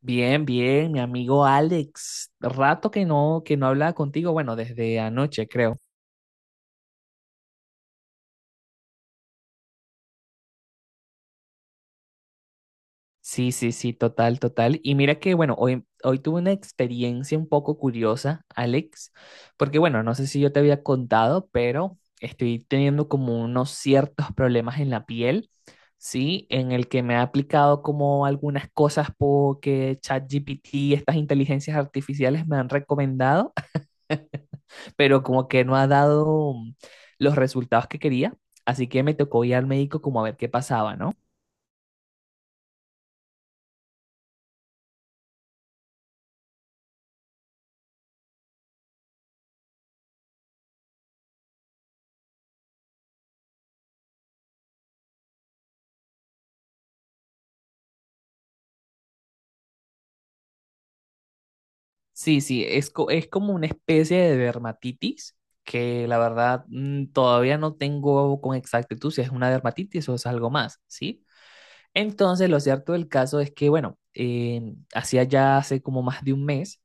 Bien, bien, mi amigo Alex. Rato que no hablaba contigo, bueno, desde anoche, creo. Sí, sí, sí, total, total. Y mira que, bueno, hoy tuve una experiencia un poco curiosa, Alex, porque, bueno, no sé si yo te había contado, pero estoy teniendo como unos ciertos problemas en la piel, ¿sí? En el que me ha aplicado como algunas cosas porque ChatGPT, estas inteligencias artificiales me han recomendado. Pero como que no ha dado los resultados que quería, así que me tocó ir al médico como a ver qué pasaba, ¿no? Sí, sí, es como una especie de dermatitis que la verdad todavía no tengo con exactitud si es una dermatitis o es algo más, ¿sí? Entonces, lo cierto del caso es que, bueno, hacía ya hace como más de un mes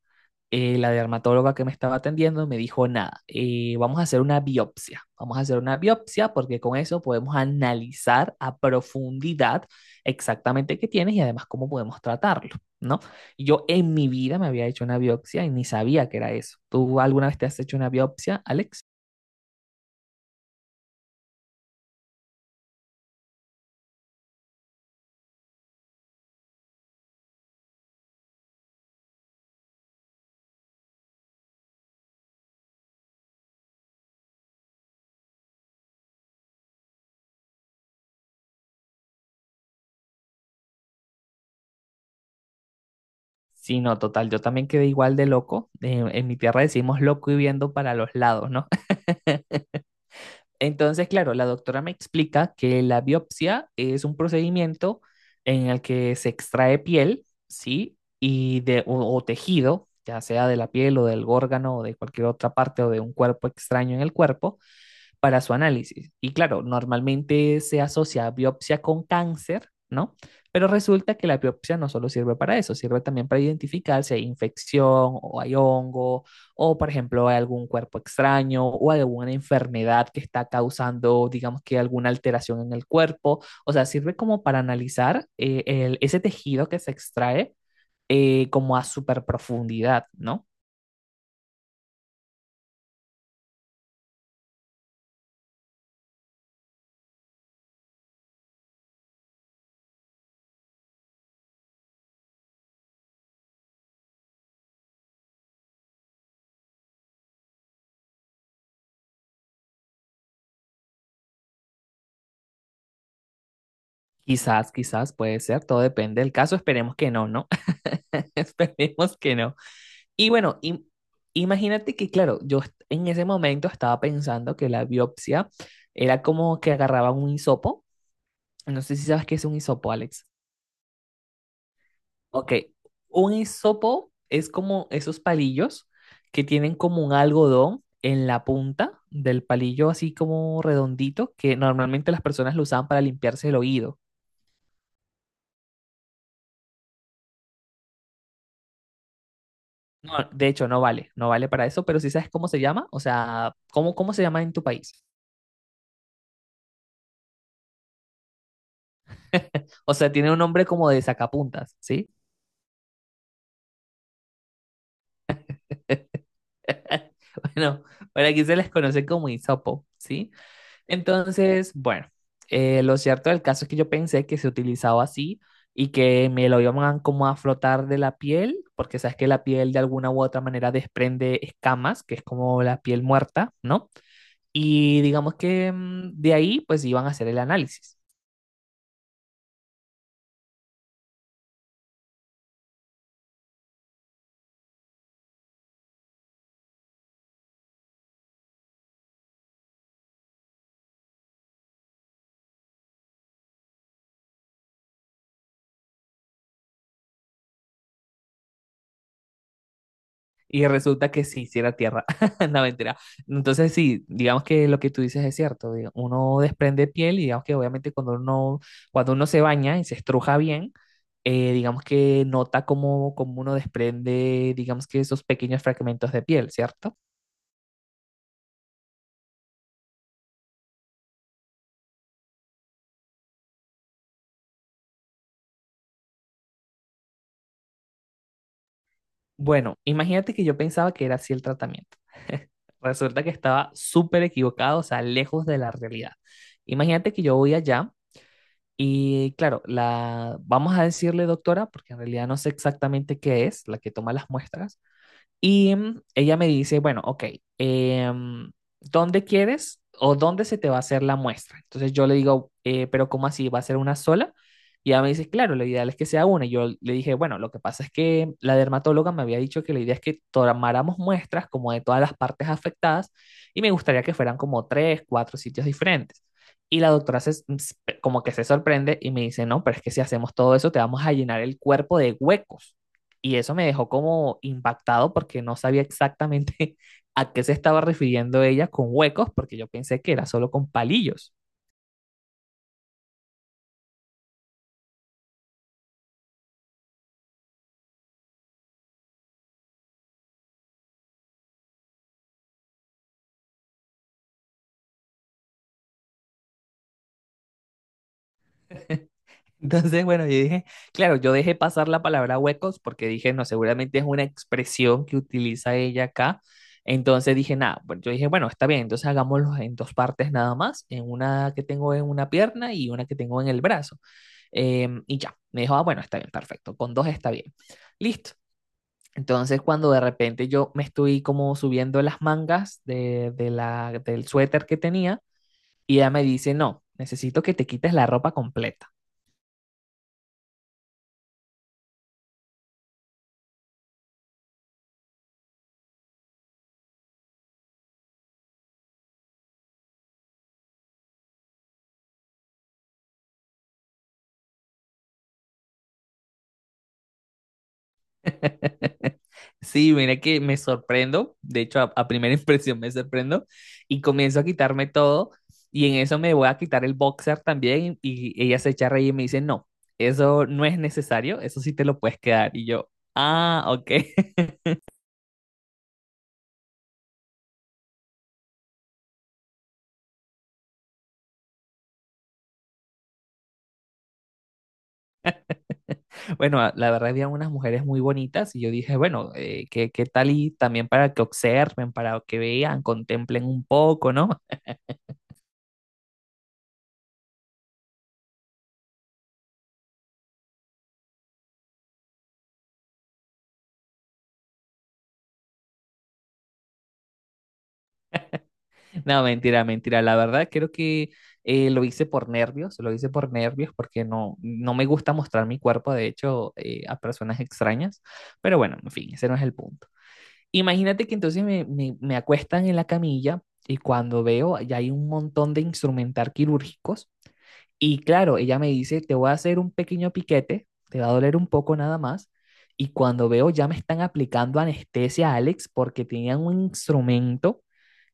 la dermatóloga que me estaba atendiendo me dijo, nada, vamos a hacer una biopsia, vamos a hacer una biopsia porque con eso podemos analizar a profundidad exactamente qué tienes y además cómo podemos tratarlo, ¿no? Y yo en mi vida me había hecho una biopsia y ni sabía que era eso. ¿Tú alguna vez te has hecho una biopsia, Alex? Sí, no, total, yo también quedé igual de loco. En mi tierra decimos loco y viendo para los lados, ¿no? Entonces, claro, la doctora me explica que la biopsia es un procedimiento en el que se extrae piel, ¿sí? Y de, o tejido, ya sea de la piel o del órgano o de cualquier otra parte o de un cuerpo extraño en el cuerpo, para su análisis. Y claro, normalmente se asocia a biopsia con cáncer, ¿no? Pero resulta que la biopsia no solo sirve para eso, sirve también para identificar si hay infección o hay hongo o, por ejemplo, hay algún cuerpo extraño o alguna enfermedad que está causando, digamos que alguna alteración en el cuerpo. O sea, sirve como para analizar ese tejido que se extrae como a super profundidad, ¿no? Quizás, quizás puede ser, todo depende del caso, esperemos que no, ¿no? Esperemos que no. Y bueno, imagínate que, claro, en ese momento estaba pensando que la biopsia era como que agarraba un hisopo. No sé si sabes qué es un hisopo, Alex. Ok, un hisopo es como esos palillos que tienen como un algodón en la punta del palillo, así como redondito, que normalmente las personas lo usaban para limpiarse el oído. No, de hecho, no vale, no vale para eso, pero si sabes cómo se llama, o sea, ¿cómo se llama en tu país? O sea, tiene un nombre como de sacapuntas, ¿sí? Bueno, por aquí se les conoce como hisopo, ¿sí? Entonces, bueno, lo cierto del caso es que yo pensé que se utilizaba así y que me lo iban como a flotar de la piel, porque sabes que la piel de alguna u otra manera desprende escamas, que es como la piel muerta, ¿no? Y digamos que de ahí pues iban a hacer el análisis. Y resulta que sí, sí era tierra, no mentira. Entonces sí, digamos que lo que tú dices es cierto, uno desprende piel y digamos que obviamente cuando uno se baña y se estruja bien, digamos que nota cómo uno desprende, digamos que esos pequeños fragmentos de piel, ¿cierto? Bueno, imagínate que yo pensaba que era así el tratamiento. Resulta que estaba súper equivocado, o sea, lejos de la realidad. Imagínate que yo voy allá y, claro, la vamos a decirle doctora, porque en realidad no sé exactamente qué es, la que toma las muestras, y ella me dice, bueno, ok, em, ¿dónde quieres o dónde se te va a hacer la muestra? Entonces yo le digo, pero ¿cómo así? ¿Va a ser una sola?" Y ella me dice, claro, lo ideal es que sea una. Y yo le dije, bueno, lo que pasa es que la dermatóloga me había dicho que la idea es que tomáramos muestras como de todas las partes afectadas y me gustaría que fueran como tres, cuatro sitios diferentes. Y la doctora como que se sorprende y me dice, no, pero es que si hacemos todo eso, te vamos a llenar el cuerpo de huecos. Y eso me dejó como impactado porque no sabía exactamente a qué se estaba refiriendo ella con huecos, porque yo pensé que era solo con palillos. Entonces, bueno, yo dije, claro, yo dejé pasar la palabra huecos porque dije, no, seguramente es una expresión que utiliza ella acá. Entonces dije, nada, pues yo dije, bueno, está bien, entonces hagámoslo en dos partes nada más, en una que tengo en una pierna y una que tengo en el brazo. Y ya, me dijo, ah, bueno, está bien, perfecto, con dos está bien. Listo. Entonces, cuando de repente yo me estoy como subiendo las mangas del suéter que tenía, y ella me dice, no, necesito que te quites la ropa completa. Sí, mira que me sorprendo, de hecho a primera impresión me sorprendo y comienzo a quitarme todo y en eso me voy a quitar el boxer también y, ella se echa a reír y me dice, no, eso no es necesario, eso sí te lo puedes quedar y yo, ah, ok. Bueno, la verdad había unas mujeres muy bonitas y yo dije, bueno, qué qué tal y también para que observen, para que vean, contemplen un poco, ¿no? No, mentira, mentira. La verdad creo que lo hice por nervios, lo hice por nervios porque no me gusta mostrar mi cuerpo, de hecho, a personas extrañas. Pero bueno, en fin, ese no es el punto. Imagínate que entonces me acuestan en la camilla y cuando veo, ya hay un montón de instrumental quirúrgicos. Y claro, ella me dice, te voy a hacer un pequeño piquete, te va a doler un poco nada más. Y cuando veo, ya me están aplicando anestesia, Alex, porque tenían un instrumento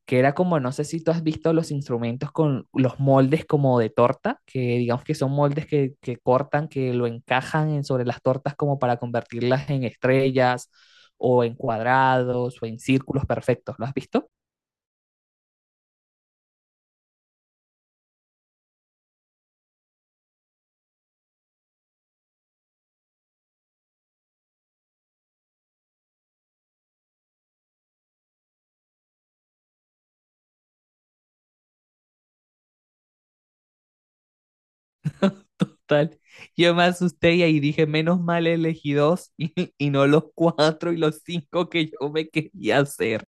que era como, no sé si tú has visto los instrumentos con los moldes como de torta, que digamos que son moldes que cortan, que lo encajan sobre las tortas como para convertirlas en estrellas o en cuadrados o en círculos perfectos. ¿Lo has visto? Total. Yo me asusté y ahí dije, menos mal elegí dos y no los cuatro y los cinco que yo me quería hacer.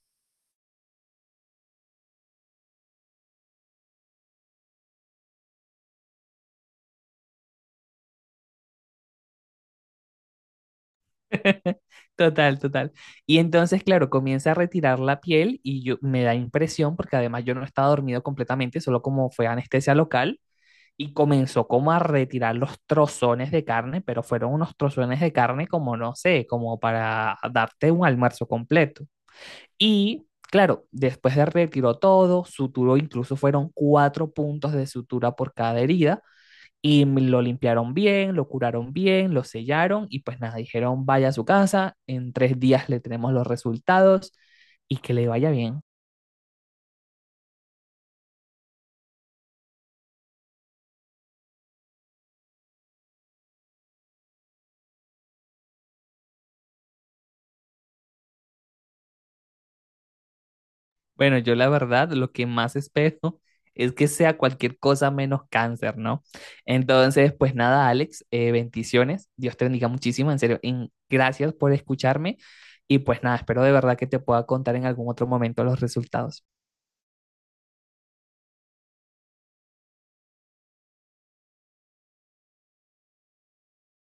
Total, total. Y entonces, claro, comienza a retirar la piel y yo me da impresión porque además yo no estaba dormido completamente, solo como fue anestesia local y comenzó como a retirar los trozones de carne, pero fueron unos trozones de carne como no sé, como para darte un almuerzo completo. Y claro, después de retiró todo, suturó, incluso fueron cuatro puntos de sutura por cada herida. Y lo limpiaron bien, lo curaron bien, lo sellaron y pues nada, dijeron vaya a su casa, en 3 días le tenemos los resultados y que le vaya bien. Bueno, yo la verdad lo que más espero es que sea cualquier cosa menos cáncer, ¿no? Entonces, pues nada, Alex, bendiciones. Dios te bendiga muchísimo, en serio. Gracias por escucharme y pues nada, espero de verdad que te pueda contar en algún otro momento los resultados.